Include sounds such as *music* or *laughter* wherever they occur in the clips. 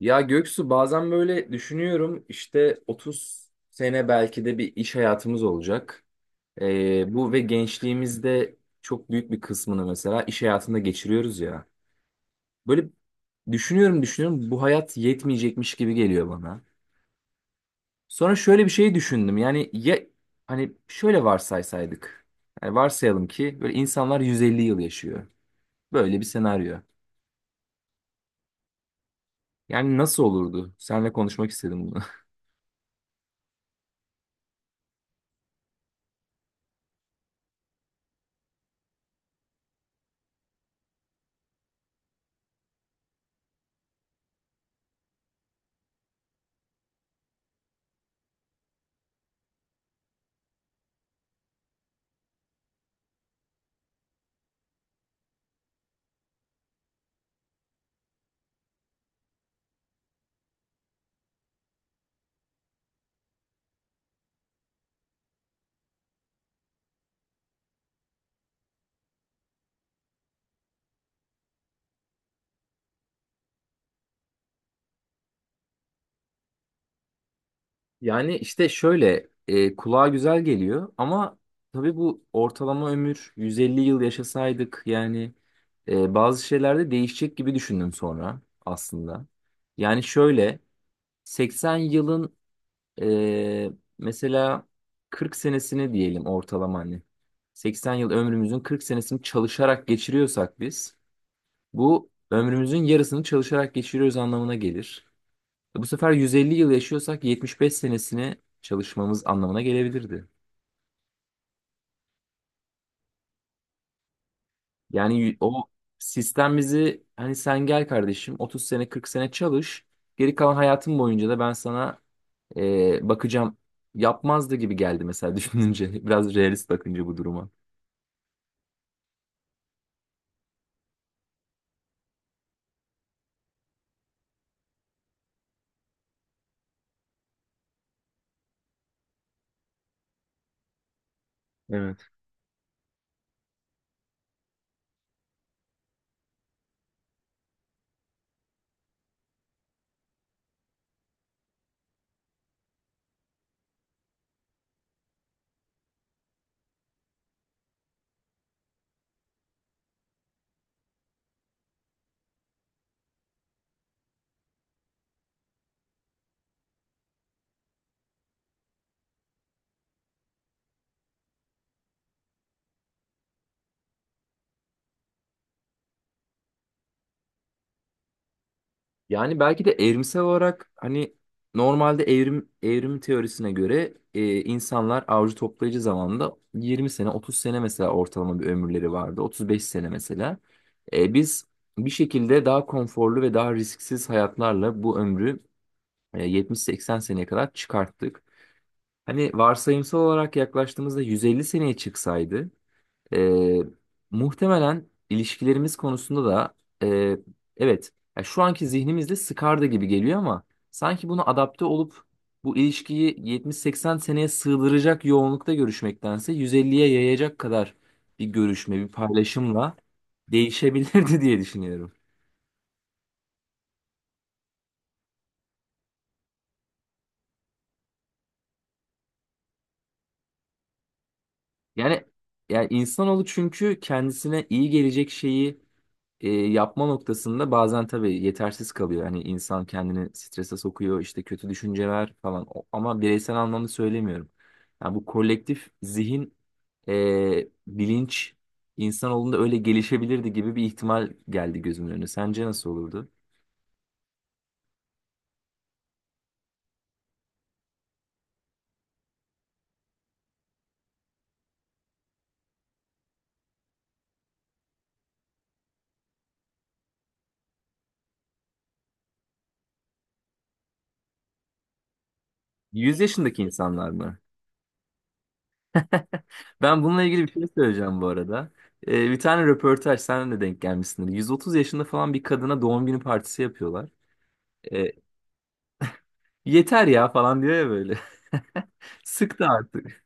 Ya Göksu bazen böyle düşünüyorum işte 30 sene belki de bir iş hayatımız olacak. Bu ve gençliğimizde çok büyük bir kısmını mesela iş hayatında geçiriyoruz ya. Böyle düşünüyorum bu hayat yetmeyecekmiş gibi geliyor bana. Sonra şöyle bir şey düşündüm yani ya hani şöyle varsaysaydık. Yani varsayalım ki böyle insanlar 150 yıl yaşıyor. Böyle bir senaryo. Yani nasıl olurdu? Seninle konuşmak istedim. Yani işte şöyle kulağa güzel geliyor ama tabii bu ortalama ömür 150 yıl yaşasaydık yani bazı şeylerde değişecek gibi düşündüm sonra aslında. Yani şöyle 80 yılın e, mesela 40 senesini diyelim ortalama hani 80 yıl ömrümüzün 40 senesini çalışarak geçiriyorsak biz, bu ömrümüzün yarısını çalışarak geçiriyoruz anlamına gelir. Bu sefer 150 yıl yaşıyorsak 75 senesini çalışmamız anlamına gelebilirdi. O sistem bizi hani sen gel kardeşim 30 sene 40 sene çalış, geri kalan hayatın boyunca da ben sana bakacağım yapmazdı gibi geldi mesela *laughs* düşününce, biraz realist bakınca bu duruma. Evet. Yani belki de evrimsel olarak hani normalde evrim teorisine göre insanlar avcı toplayıcı zamanında 20 sene 30 sene mesela ortalama bir ömürleri vardı. 35 sene mesela. Biz bir şekilde daha konforlu ve daha risksiz hayatlarla bu ömrü 70-80 seneye kadar çıkarttık. Hani varsayımsal olarak yaklaştığımızda 150 seneye çıksaydı, ee, muhtemelen ilişkilerimiz konusunda da e, evet, ya şu anki zihnimizde sıkardı gibi geliyor ama sanki bunu adapte olup bu ilişkiyi 70-80 seneye sığdıracak yoğunlukta görüşmektense 150'ye yayacak kadar bir görüşme, bir paylaşımla değişebilirdi *laughs* diye düşünüyorum. Yani yani insanoğlu, çünkü kendisine iyi gelecek şeyi yapma noktasında bazen tabii yetersiz kalıyor. Hani insan kendini strese sokuyor, işte kötü düşünceler falan. Ama bireysel anlamda söylemiyorum. Yani bu kolektif zihin, bilinç insanoğlunda öyle gelişebilirdi gibi bir ihtimal geldi gözümün önüne. Sence nasıl olurdu? 100 yaşındaki insanlar mı? *laughs* Ben bununla ilgili bir şey söyleyeceğim bu arada. Bir tane röportaj, sen de denk gelmişsindir. 130 yaşında falan bir kadına doğum günü partisi yapıyorlar. Yeter ya falan diyor ya böyle. *laughs* Sıktı artık.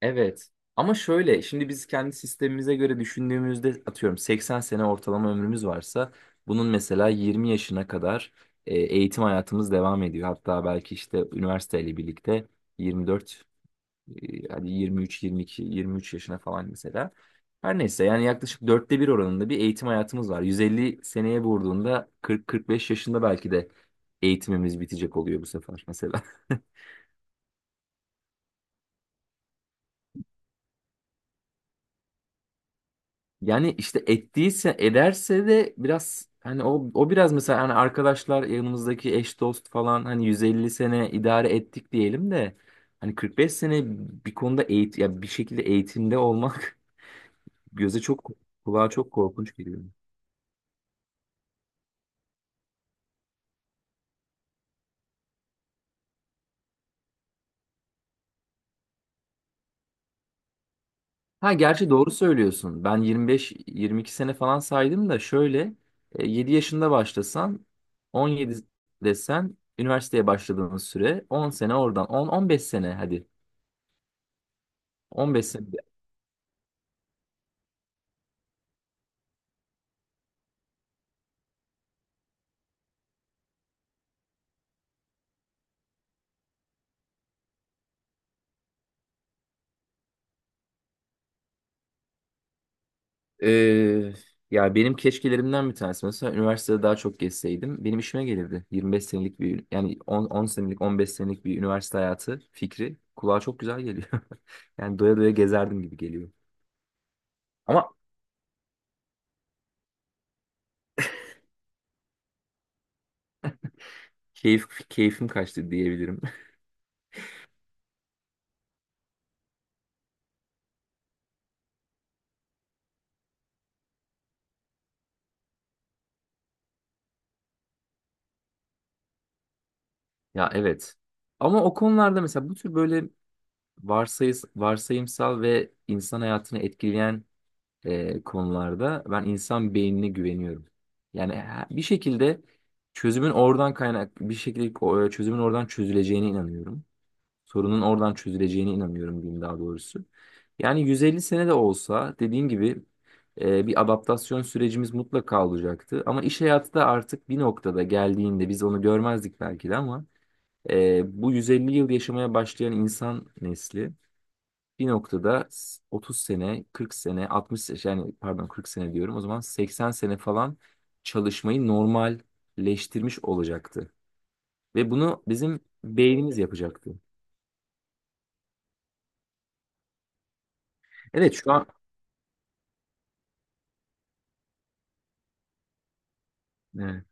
Evet. Ama şöyle, şimdi biz kendi sistemimize göre düşündüğümüzde atıyorum 80 sene ortalama ömrümüz varsa, bunun mesela 20 yaşına kadar eğitim hayatımız devam ediyor. Hatta belki işte üniversiteyle birlikte 24, hadi 23 22 23 yaşına falan mesela. Her neyse, yani yaklaşık dörtte bir oranında bir eğitim hayatımız var. 150 seneye vurduğunda 40-45 yaşında belki de eğitimimiz bitecek oluyor bu sefer mesela. *laughs* Yani işte ettiyse ederse de, biraz hani o biraz, mesela hani arkadaşlar yanımızdaki eş dost falan, hani 150 sene idare ettik diyelim de, hani 45 sene bir konuda eğit ya, bir şekilde eğitimde olmak *laughs* göze çok kulağa çok korkunç geliyor. Ha gerçi doğru söylüyorsun. Ben 25 22 sene falan saydım da şöyle 7 yaşında başlasan 17 desen, üniversiteye başladığın süre 10 sene, oradan 10 15 sene hadi 15 sene. Ee, Ya benim keşkelerimden bir tanesi mesela üniversitede daha çok gezseydim benim işime gelirdi. 25 senelik bir, yani 10 senelik, 15 senelik bir üniversite hayatı fikri kulağa çok güzel geliyor. *laughs* Yani doya doya gezerdim gibi geliyor. Ama keyfim kaçtı diyebilirim. *laughs* Ya evet. Ama o konularda mesela bu tür böyle varsayımsal ve insan hayatını etkileyen konularda ben insan beynine güveniyorum. Yani bir şekilde çözümün oradan kaynak bir şekilde ko- çözümün oradan çözüleceğine inanıyorum. Sorunun oradan çözüleceğine inanıyorum diyeyim, daha doğrusu. Yani 150 sene de olsa, dediğim gibi bir adaptasyon sürecimiz mutlaka olacaktı. Ama iş hayatı da artık bir noktada geldiğinde biz onu görmezdik belki de, ama bu 150 yıl yaşamaya başlayan insan nesli bir noktada 30 sene, 40 sene, 60 sene, yani pardon 40 sene diyorum. O zaman 80 sene falan çalışmayı normalleştirmiş olacaktı. Ve bunu bizim beynimiz yapacaktı. Evet, şu an, evet,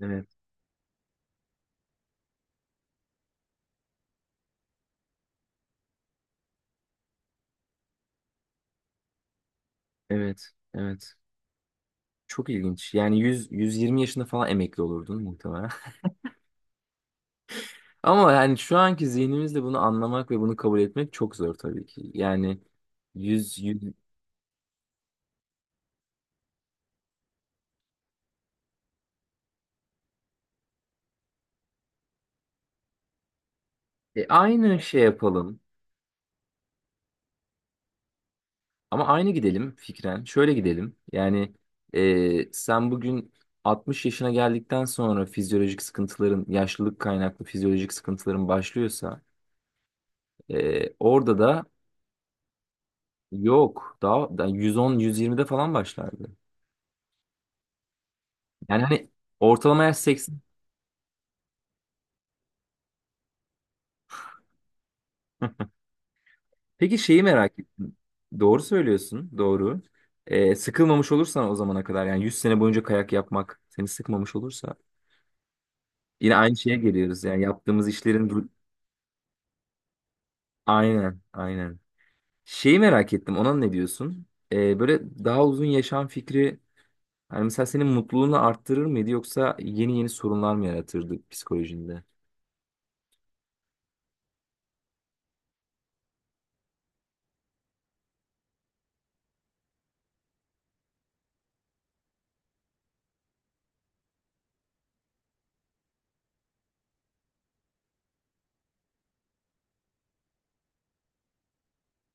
evet, evet, evet. Çok ilginç. Yani 100 120 yaşında falan emekli olurdun muhtemelen. *laughs* Ama yani şu anki zihnimizle bunu anlamak ve bunu kabul etmek çok zor tabii ki. Yani 100 100. Aynı şey yapalım. Ama aynı gidelim fikren. Şöyle gidelim. Yani sen bugün 60 yaşına geldikten sonra fizyolojik sıkıntıların, yaşlılık kaynaklı fizyolojik sıkıntıların başlıyorsa orada da yok. Daha 110-120'de falan başlardı. Yani hani ortalama yaş 80. *laughs* Peki şeyi merak ettim. Doğru söylüyorsun. Doğru. Sıkılmamış olursan o zamana kadar, yani 100 sene boyunca kayak yapmak seni sıkmamış olursa, yine aynı şeye geliyoruz. Yani yaptığımız işlerin aynen, aynen. Şeyi merak ettim. Ona ne diyorsun? Böyle daha uzun yaşam fikri hani mesela senin mutluluğunu arttırır mıydı, yoksa yeni yeni sorunlar mı yaratırdı psikolojinde?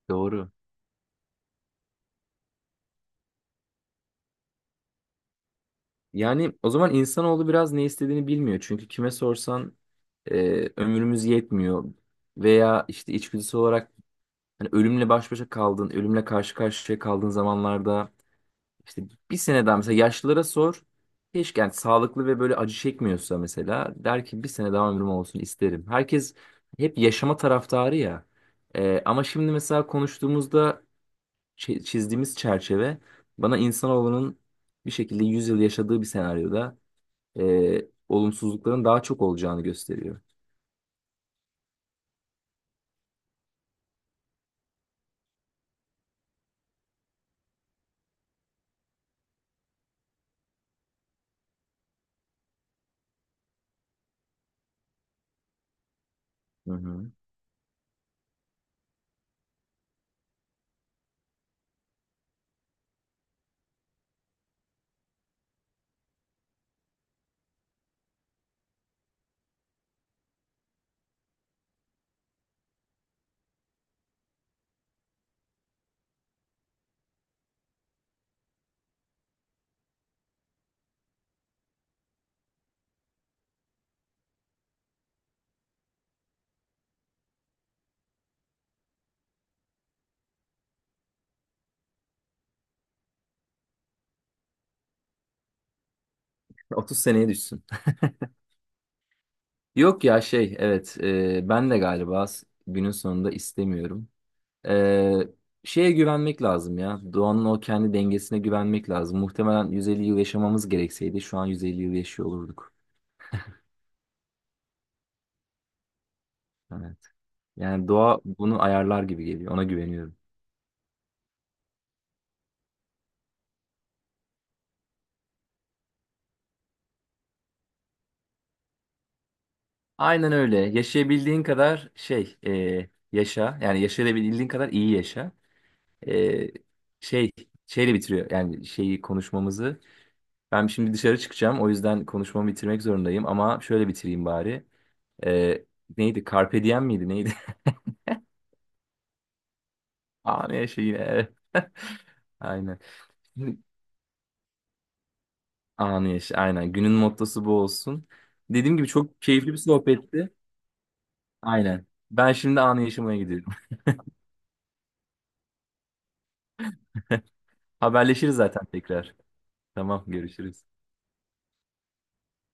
Doğru. Yani o zaman insanoğlu biraz ne istediğini bilmiyor. Çünkü kime sorsan e, ömrümüz yetmiyor veya işte içgüdüsel olarak hani ölümle baş başa kaldın, ölümle karşı karşıya kaldığın zamanlarda İşte bir sene daha, mesela yaşlılara sor. Keşke, yani sağlıklı ve böyle acı çekmiyorsa mesela, der ki bir sene daha ömrüm olsun isterim. Herkes hep yaşama taraftarı ya. Ama şimdi mesela konuştuğumuzda çizdiğimiz çerçeve bana insanoğlunun bir şekilde 100 yıl yaşadığı bir senaryoda e, olumsuzlukların daha çok olacağını gösteriyor. Hı hı. 30 seneye düşsün. Yok ya, şey, evet, ben de galiba günün sonunda istemiyorum. Ee, Şeye güvenmek lazım ya. Doğanın o kendi dengesine güvenmek lazım. Muhtemelen 150 yıl yaşamamız gerekseydi, şu an 150 yıl yaşıyor olurduk. Evet. Yani doğa bunu ayarlar gibi geliyor. Ona güveniyorum. Aynen öyle. Yaşayabildiğin kadar yaşa. Yani yaşayabildiğin kadar iyi yaşa. E, şey Şeyle bitiriyor. Yani şeyi, konuşmamızı. Ben şimdi dışarı çıkacağım. O yüzden konuşmamı bitirmek zorundayım. Ama şöyle bitireyim bari. E, Neydi? Carpe diem miydi? Neydi? Anı yaşa yine. *laughs* Aynen. Anı yaşa. Aynen. Günün mottosu bu olsun. Dediğim gibi, çok keyifli bir sohbetti. Aynen. Ben şimdi anı yaşamaya gidiyorum. *laughs* Haberleşiriz zaten tekrar. Tamam, görüşürüz.